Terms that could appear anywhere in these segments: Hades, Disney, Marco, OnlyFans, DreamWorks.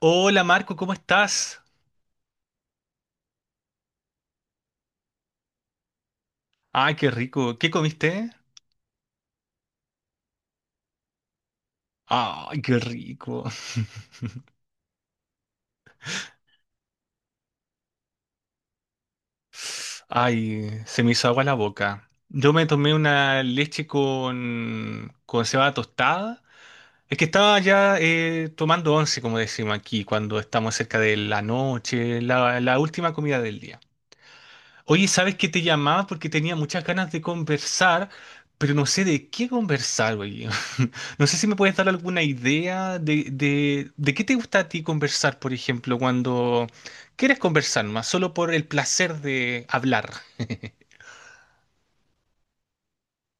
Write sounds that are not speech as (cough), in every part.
Hola Marco, ¿cómo estás? Ay, qué rico. ¿Qué comiste? Ay, qué rico. (laughs) Ay, se me hizo agua la boca. Yo me tomé una leche con cebada tostada. Es que estaba ya tomando once, como decimos aquí, cuando estamos cerca de la noche, la última comida del día. Oye, ¿sabes qué te llamaba? Porque tenía muchas ganas de conversar, pero no sé de qué conversar, güey. (laughs) No sé si me puedes dar alguna idea de qué te gusta a ti conversar, por ejemplo, cuando quieres conversar más, solo por el placer de hablar.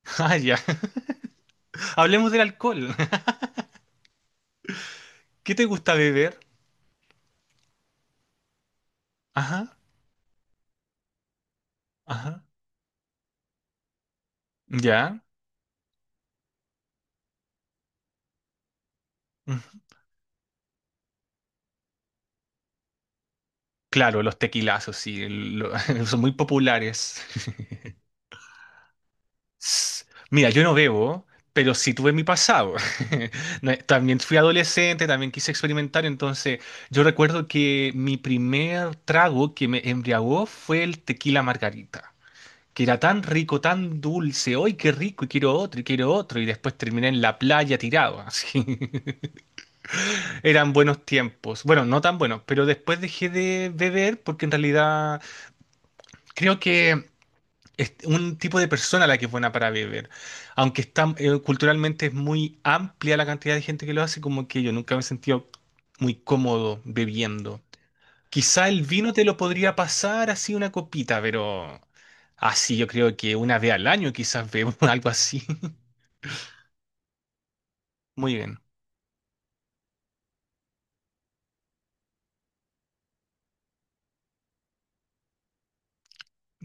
(laughs) Ah, ya. (laughs) Hablemos del alcohol. (laughs) ¿Qué te gusta beber? Ajá, ajá. Ya. Mm. Claro, los tequilazos, sí, (laughs) son muy populares. S- Mira, yo no bebo, pero sí tuve mi pasado. (laughs) No, también fui adolescente, también quise experimentar, entonces yo recuerdo que mi primer trago que me embriagó fue el tequila margarita, que era tan rico, tan dulce, ¡ay, qué rico! Y quiero otro, y quiero otro, y después terminé en la playa tirado, así. (laughs) Eran buenos tiempos. Bueno, no tan buenos, pero después dejé de beber porque en realidad creo que es un tipo de persona la que es buena para beber. Aunque está, culturalmente es muy amplia la cantidad de gente que lo hace, como que yo nunca me he sentido muy cómodo bebiendo. Quizá el vino te lo podría pasar así una copita, pero así yo creo que una vez al año quizás bebo (laughs) algo así. Muy bien.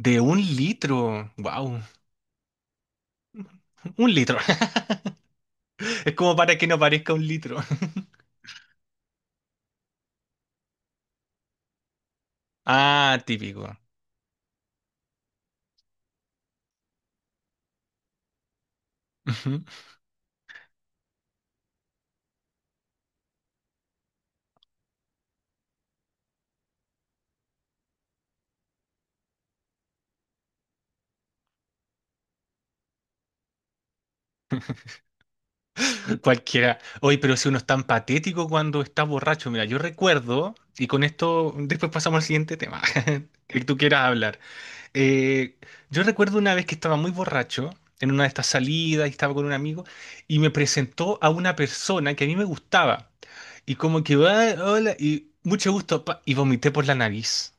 De un litro. Wow, un litro. (laughs) Es como para que no parezca un litro. (laughs) Ah, típico. Ujú. Cualquiera. Oye, pero si uno es tan patético cuando está borracho, mira, yo recuerdo, y con esto después pasamos al siguiente tema, (laughs) que tú quieras hablar. Eh, yo recuerdo una vez que estaba muy borracho en una de estas salidas y estaba con un amigo y me presentó a una persona que a mí me gustaba. Y como que, "Ah, hola, y mucho gusto, pa", y vomité por la nariz.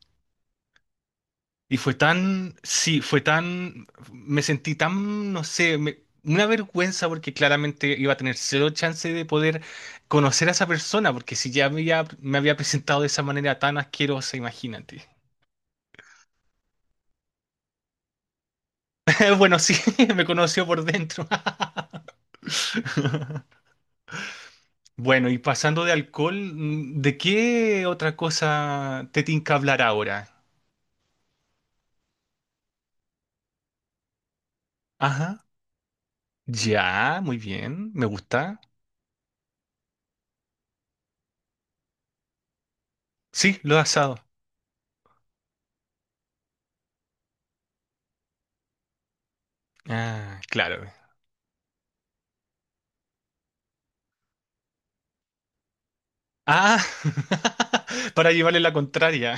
Y fue tan, sí, fue tan, me sentí tan, no sé, una vergüenza porque claramente iba a tener cero chance de poder conocer a esa persona, porque si ya me había presentado de esa manera tan asquerosa, imagínate. (laughs) Bueno, sí, (laughs) me conoció por dentro. (laughs) Bueno, y pasando de alcohol, ¿de qué otra cosa te tinca hablar ahora? Ajá. Ya, muy bien, me gusta. Sí, lo asado. Ah, claro. Ah, (laughs) para llevarle la contraria.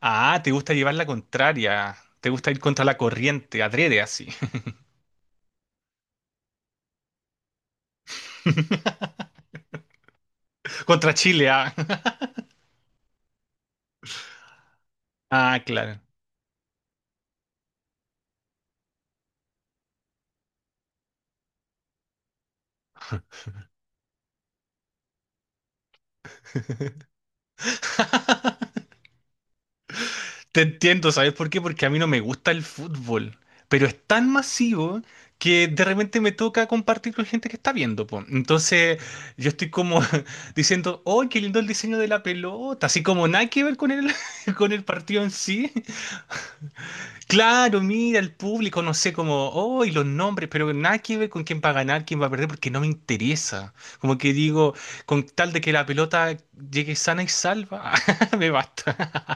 Ah, te gusta llevar la contraria. Te gusta ir contra la corriente, adrede así. (laughs) Contra Chile, ah. Ah, claro. (laughs) Te entiendo, ¿sabes por qué? Porque a mí no me gusta el fútbol, pero es tan masivo que de repente me toca compartir con gente que está viendo, po. Entonces yo estoy como (laughs) diciendo, ¡oh, qué lindo el diseño de la pelota! Así como nada que ver con el, (laughs) con el partido en sí. Claro, mira, el público, no sé cómo, oh, y los nombres, pero nada que ver con quién va a ganar, quién va a perder, porque no me interesa. Como que digo, con tal de que la pelota llegue sana y salva, (laughs) me basta.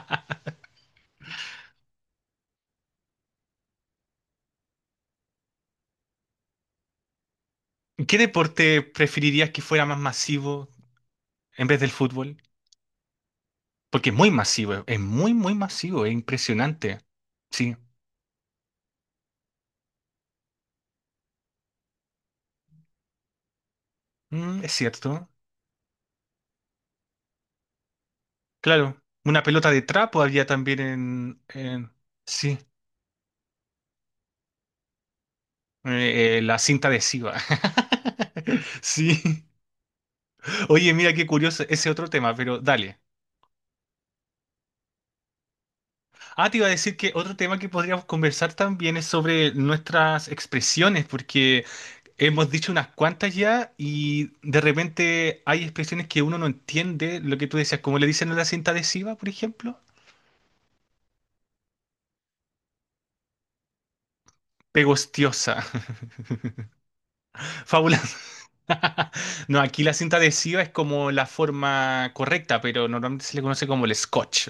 ¿Qué deporte preferirías que fuera más masivo en vez del fútbol? Porque es muy masivo, es muy, muy masivo, es impresionante. Sí. Es cierto. Claro, una pelota de trapo había también en, sí, la cinta adhesiva. (laughs) Sí. Oye, mira qué curioso ese otro tema, pero dale. Ah, te iba a decir que otro tema que podríamos conversar también es sobre nuestras expresiones, porque hemos dicho unas cuantas ya y de repente hay expresiones que uno no entiende, lo que tú decías, como le dicen a la cinta adhesiva, por ejemplo. Pegostiosa, (laughs) fabulosa. (laughs) No, aquí la cinta adhesiva es como la forma correcta, pero normalmente se le conoce como el scotch.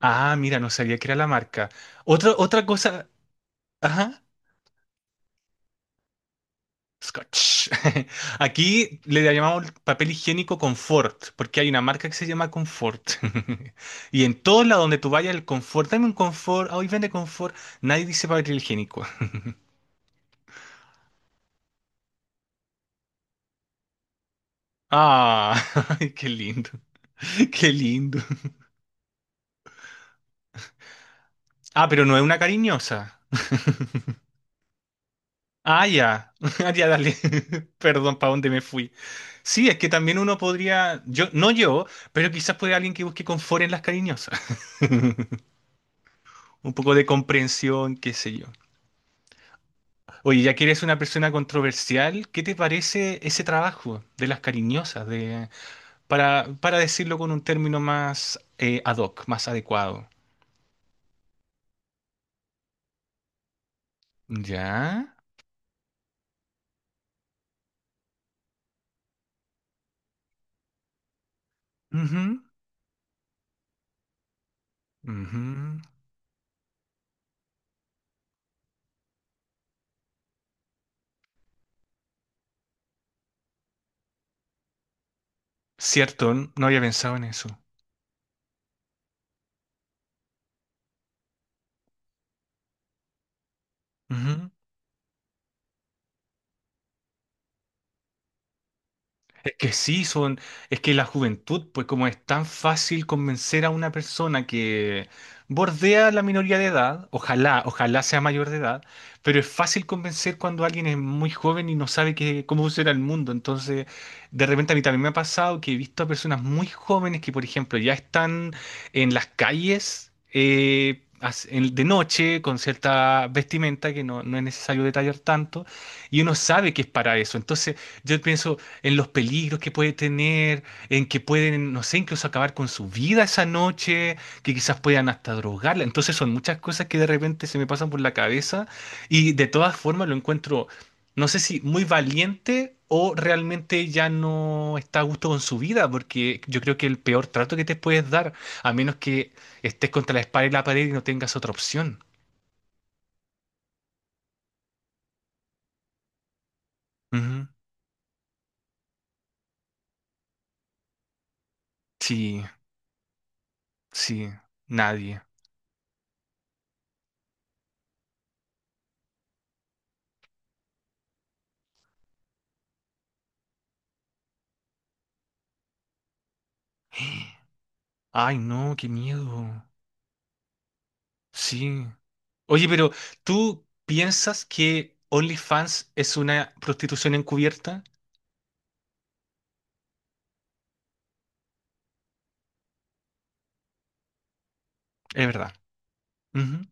Ah, mira, no sabía que era la marca. Otra cosa, ajá. Scotch. (laughs) Aquí le llamamos papel higiénico confort, porque hay una marca que se llama confort. (laughs) Y en todos lados donde tú vayas, el confort, dame un confort, ah, hoy vende confort, nadie dice papel higiénico. Ah, (laughs) ay, qué lindo, (laughs) qué lindo. Ah, pero no es una cariñosa. Ah, ya, (laughs) ah, ya, dale. (laughs) Perdón, ¿para dónde me fui? Sí, es que también uno podría, yo, no yo, pero quizás puede alguien que busque confort en las cariñosas. (laughs) Un poco de comprensión, qué sé yo. Oye, ya que eres una persona controversial, ¿qué te parece ese trabajo de las cariñosas, para decirlo con un término más ad hoc, más adecuado? ¿Ya? Ujú, ujú. Cierto, no había pensado en eso. Es que sí, son, es que la juventud, pues como es tan fácil convencer a una persona que bordea la minoría de edad, ojalá, ojalá sea mayor de edad, pero es fácil convencer cuando alguien es muy joven y no sabe cómo funciona el mundo. Entonces, de repente a mí también me ha pasado que he visto a personas muy jóvenes que, por ejemplo, ya están en las calles de noche con cierta vestimenta que no, no es necesario detallar tanto, y uno sabe que es para eso. Entonces, yo pienso en los peligros que puede tener, en que pueden, no sé, incluso acabar con su vida esa noche, que quizás puedan hasta drogarla. Entonces son muchas cosas que de repente se me pasan por la cabeza y de todas formas lo encuentro, no sé si muy valiente o realmente ya no está a gusto con su vida, porque yo creo que el peor trato que te puedes dar, a menos que estés contra la espada y la pared y no tengas otra opción. Ujú. Sí, sí, nadie. Ay, no, qué miedo. Sí. Oye, pero ¿tú piensas que OnlyFans es una prostitución encubierta? Es verdad. Ujú.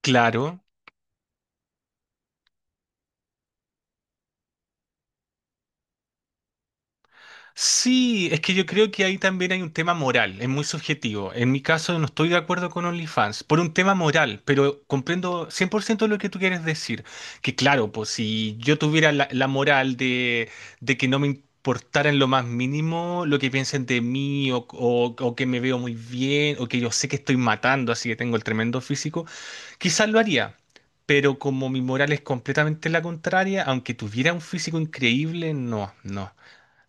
Claro. Sí, es que yo creo que ahí también hay un tema moral, es muy subjetivo. En mi caso no estoy de acuerdo con OnlyFans por un tema moral, pero comprendo 100% lo que tú quieres decir. Que claro, pues si yo tuviera la moral de que no me importara en lo más mínimo lo que piensen de mí o que me veo muy bien o que yo sé que estoy matando, así que tengo el tremendo físico, quizás lo haría. Pero como mi moral es completamente la contraria, aunque tuviera un físico increíble, no, no.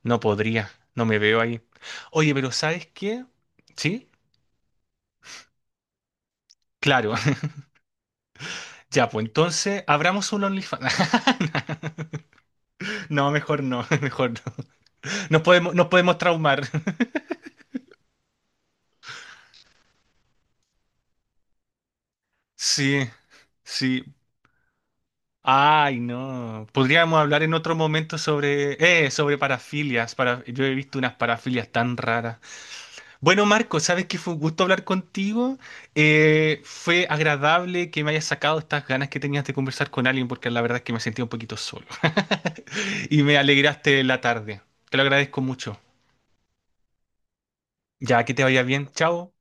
No podría, no me veo ahí. Oye, pero ¿sabes qué? ¿Sí? Claro. (laughs) Ya, pues entonces abramos un OnlyFans. (laughs) No, mejor no, (laughs) mejor no. Nos podemos traumar. (laughs) Sí, sí. Ay, no. Podríamos hablar en otro momento sobre parafilias. Para, yo he visto unas parafilias tan raras. Bueno, Marco, sabes que fue un gusto hablar contigo. Fue agradable que me hayas sacado estas ganas que tenías de conversar con alguien, porque la verdad es que me sentía un poquito solo. (laughs) Y me alegraste la tarde. Te lo agradezco mucho. Ya, que te vaya bien. Chao.